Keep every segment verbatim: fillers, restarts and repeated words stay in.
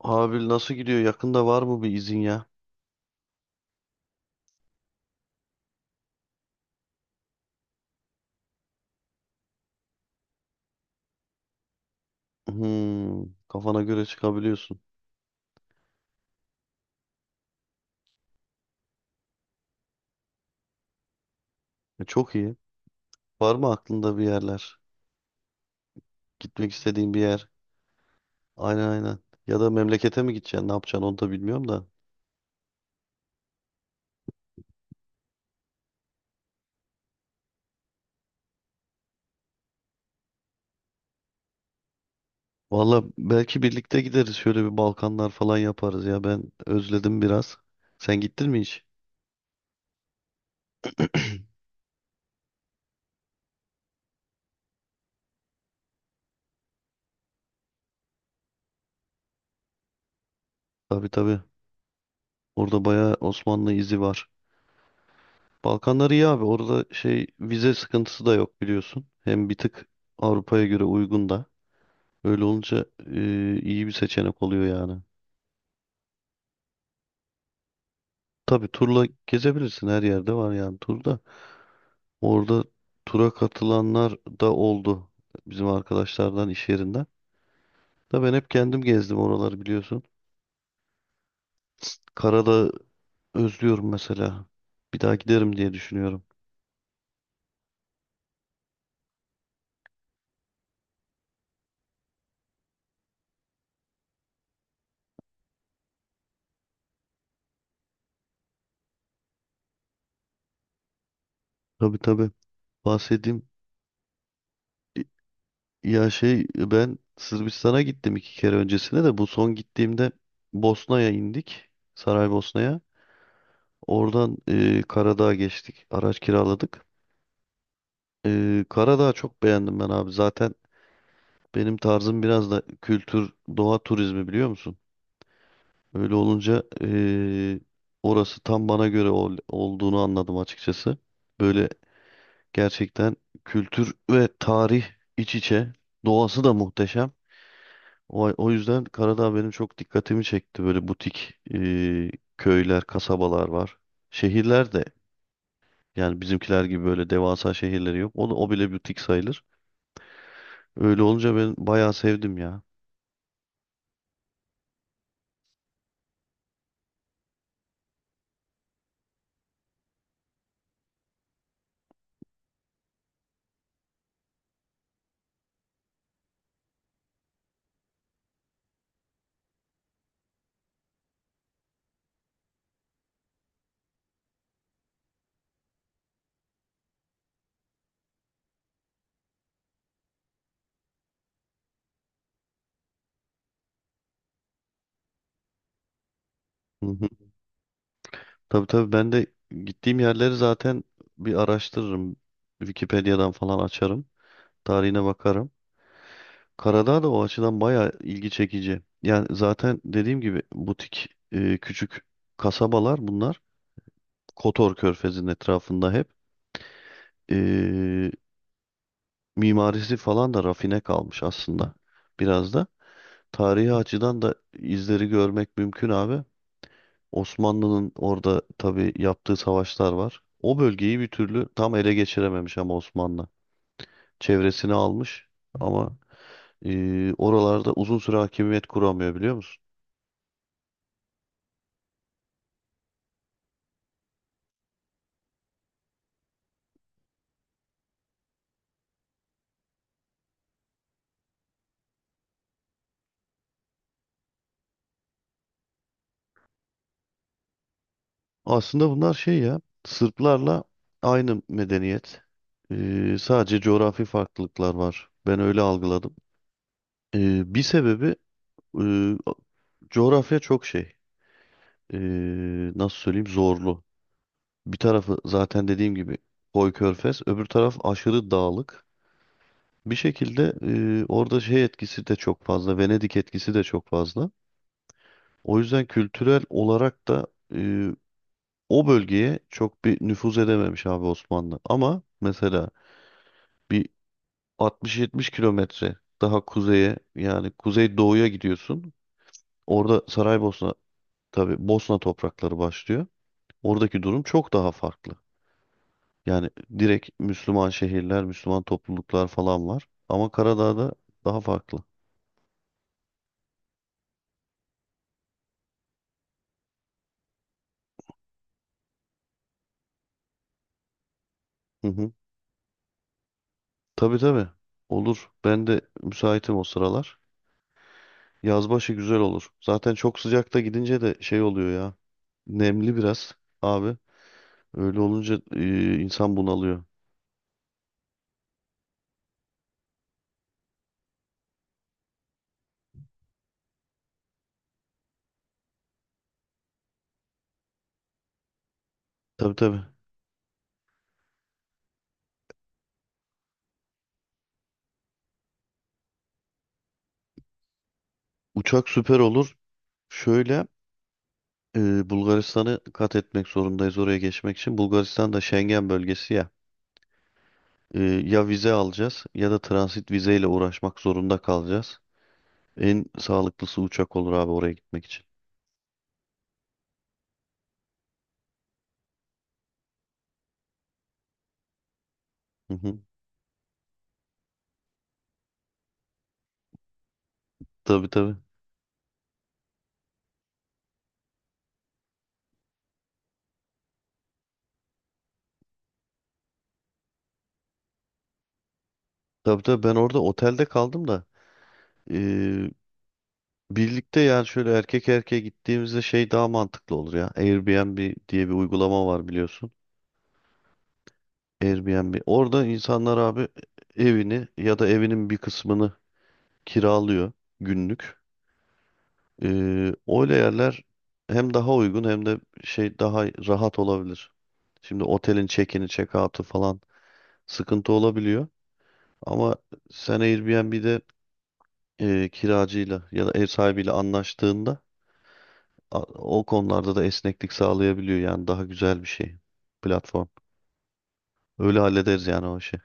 Abi nasıl gidiyor? Yakında var mı bir izin ya? Hmm, kafana göre çıkabiliyorsun. E, çok iyi. Var mı aklında bir yerler? Gitmek istediğin bir yer? Aynen aynen. Ya da memlekete mi gideceksin? Ne yapacaksın onu da bilmiyorum da. Valla belki birlikte gideriz. Şöyle bir Balkanlar falan yaparız ya. Ben özledim biraz. Sen gittin mi hiç? Tabii tabii. Orada bayağı Osmanlı izi var. Balkanlar iyi abi. Orada şey vize sıkıntısı da yok biliyorsun. Hem bir tık Avrupa'ya göre uygun da. Öyle olunca e, iyi bir seçenek oluyor yani. Tabii turla gezebilirsin her yerde var yani turda. Orada tura katılanlar da oldu bizim arkadaşlardan iş yerinden. Da ben hep kendim gezdim oraları biliyorsun. Karadağ'ı özlüyorum mesela. Bir daha giderim diye düşünüyorum. Tabii tabii bahsedeyim. Ya şey ben Sırbistan'a gittim iki kere öncesine de bu son gittiğimde Bosna'ya indik. Saraybosna'ya. Oradan e, Karadağ'a geçtik. Araç kiraladık. E, Karadağ'ı çok beğendim ben abi. Zaten benim tarzım biraz da kültür, doğa turizmi biliyor musun? Öyle olunca e, orası tam bana göre ol- olduğunu anladım açıkçası. Böyle gerçekten kültür ve tarih iç içe. Doğası da muhteşem. O, o yüzden Karadağ benim çok dikkatimi çekti. Böyle butik e, köyler, kasabalar var. Şehirler de, yani bizimkiler gibi böyle devasa şehirleri yok. O da o bile butik sayılır. Öyle olunca ben bayağı sevdim ya. Hı hı. Tabii tabii ben de gittiğim yerleri zaten bir araştırırım. Wikipedia'dan falan açarım. Tarihine bakarım. Karadağ da o açıdan bayağı ilgi çekici. Yani zaten dediğim gibi butik e, küçük kasabalar bunlar. Kotor Körfezi'nin etrafında hep. E, mimarisi falan da rafine kalmış aslında biraz da. Tarihi açıdan da izleri görmek mümkün abi. Osmanlı'nın orada tabii yaptığı savaşlar var. O bölgeyi bir türlü tam ele geçirememiş ama Osmanlı. Çevresini almış ama e, oralarda uzun süre hakimiyet kuramıyor biliyor musun? Aslında bunlar şey ya Sırplarla aynı medeniyet. E, sadece coğrafi farklılıklar var. Ben öyle algıladım. E, bir sebebi e, coğrafya çok şey. E, nasıl söyleyeyim zorlu. Bir tarafı zaten dediğim gibi koy körfez, öbür taraf aşırı dağlık. Bir şekilde e, orada şey etkisi de çok fazla, Venedik etkisi de çok fazla. O yüzden kültürel olarak da e, o bölgeye çok bir nüfuz edememiş abi Osmanlı. Ama mesela bir altmış yetmiş kilometre daha kuzeye yani kuzey doğuya gidiyorsun. Orada Saraybosna tabii Bosna toprakları başlıyor. Oradaki durum çok daha farklı. Yani direkt Müslüman şehirler, Müslüman topluluklar falan var. Ama Karadağ'da daha farklı. Hı hı. Tabii tabii. Olur. Ben de müsaitim o sıralar. Yazbaşı güzel olur. Zaten çok sıcakta gidince de şey oluyor ya. Nemli biraz abi. Öyle olunca e, insan bunalıyor. Tabii tabii. Uçak süper olur. Şöyle e, Bulgaristan'ı kat etmek zorundayız oraya geçmek için. Bulgaristan da Schengen bölgesi ya. E, ya vize alacağız ya da transit vizeyle uğraşmak zorunda kalacağız. En sağlıklısı uçak olur abi oraya gitmek için. Hı hı. Tabii tabii. Tabii tabii ben orada otelde kaldım da eee, birlikte yani şöyle erkek erkeğe gittiğimizde şey daha mantıklı olur ya. Airbnb diye bir uygulama var biliyorsun. Airbnb. Orada insanlar abi evini ya da evinin bir kısmını kiralıyor günlük. Eee öyle yerler hem daha uygun hem de şey daha rahat olabilir. Şimdi otelin check-in'i check-out'u falan sıkıntı olabiliyor. Ama sen Airbnb'de e, kiracıyla ya da ev sahibiyle anlaştığında a- o konularda da esneklik sağlayabiliyor. Yani daha güzel bir şey platform. Öyle hallederiz yani o işi.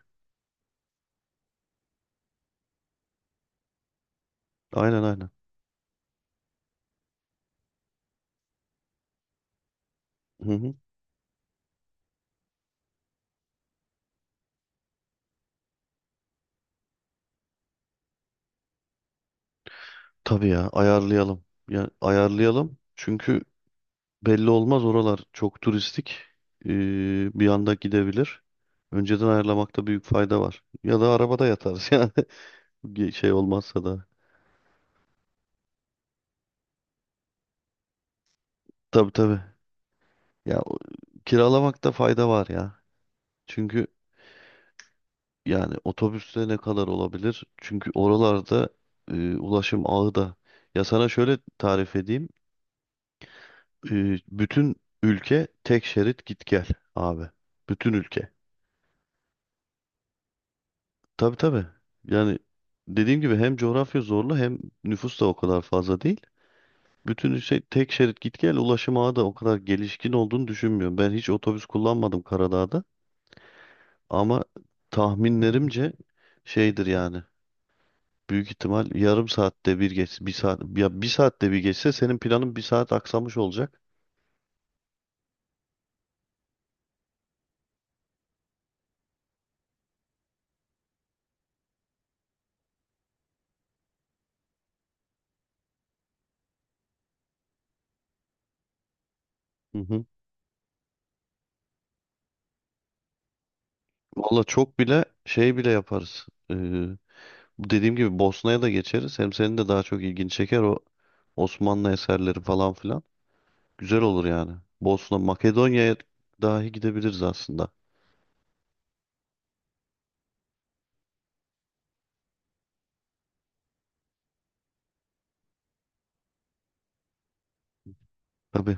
Aynen aynen. Hı hı. Tabii ya ayarlayalım. Ya ayarlayalım. Çünkü belli olmaz oralar çok turistik. Ee, bir anda gidebilir. Önceden ayarlamakta büyük fayda var. Ya da arabada yatarız yani. Bir şey olmazsa da. Tabii tabii. Ya o- kiralamakta fayda var ya. Çünkü, yani otobüste ne kadar olabilir? Çünkü oralarda e, ulaşım ağı da. Ya sana şöyle tarif edeyim. E, bütün ülke tek şerit git gel abi. Bütün ülke. Tabii tabii. Yani dediğim gibi hem coğrafya zorlu hem nüfus da o kadar fazla değil. Bütün şey tek şerit git gel ulaşım ağı da o kadar gelişkin olduğunu düşünmüyorum. Ben hiç otobüs kullanmadım Karadağ'da ama tahminlerimce şeydir yani. Büyük ihtimal yarım saatte bir geç, bir saat ya bir saatte bir geçse senin planın bir saat aksamış olacak. Hı hı. Valla çok bile şey bile yaparız. Ee, bu dediğim gibi Bosna'ya da geçeriz. Hem senin de daha çok ilgini çeker o Osmanlı eserleri falan filan. Güzel olur yani. Bosna, Makedonya'ya dahi gidebiliriz aslında. Tabii.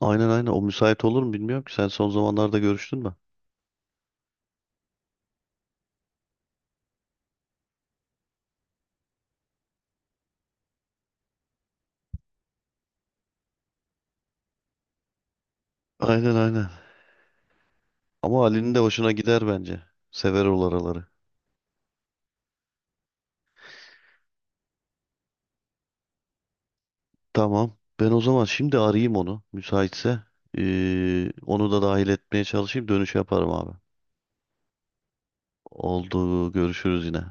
Aynen aynen. O müsait olur mu bilmiyorum ki. Sen son zamanlarda görüştün mü? Aynen aynen. Ama Ali'nin de hoşuna gider bence. Sever o oraları. Tamam. Ben o zaman şimdi arayayım onu. Müsaitse. Ee, onu da dahil etmeye çalışayım. Dönüş yaparım abi. Oldu. Görüşürüz yine.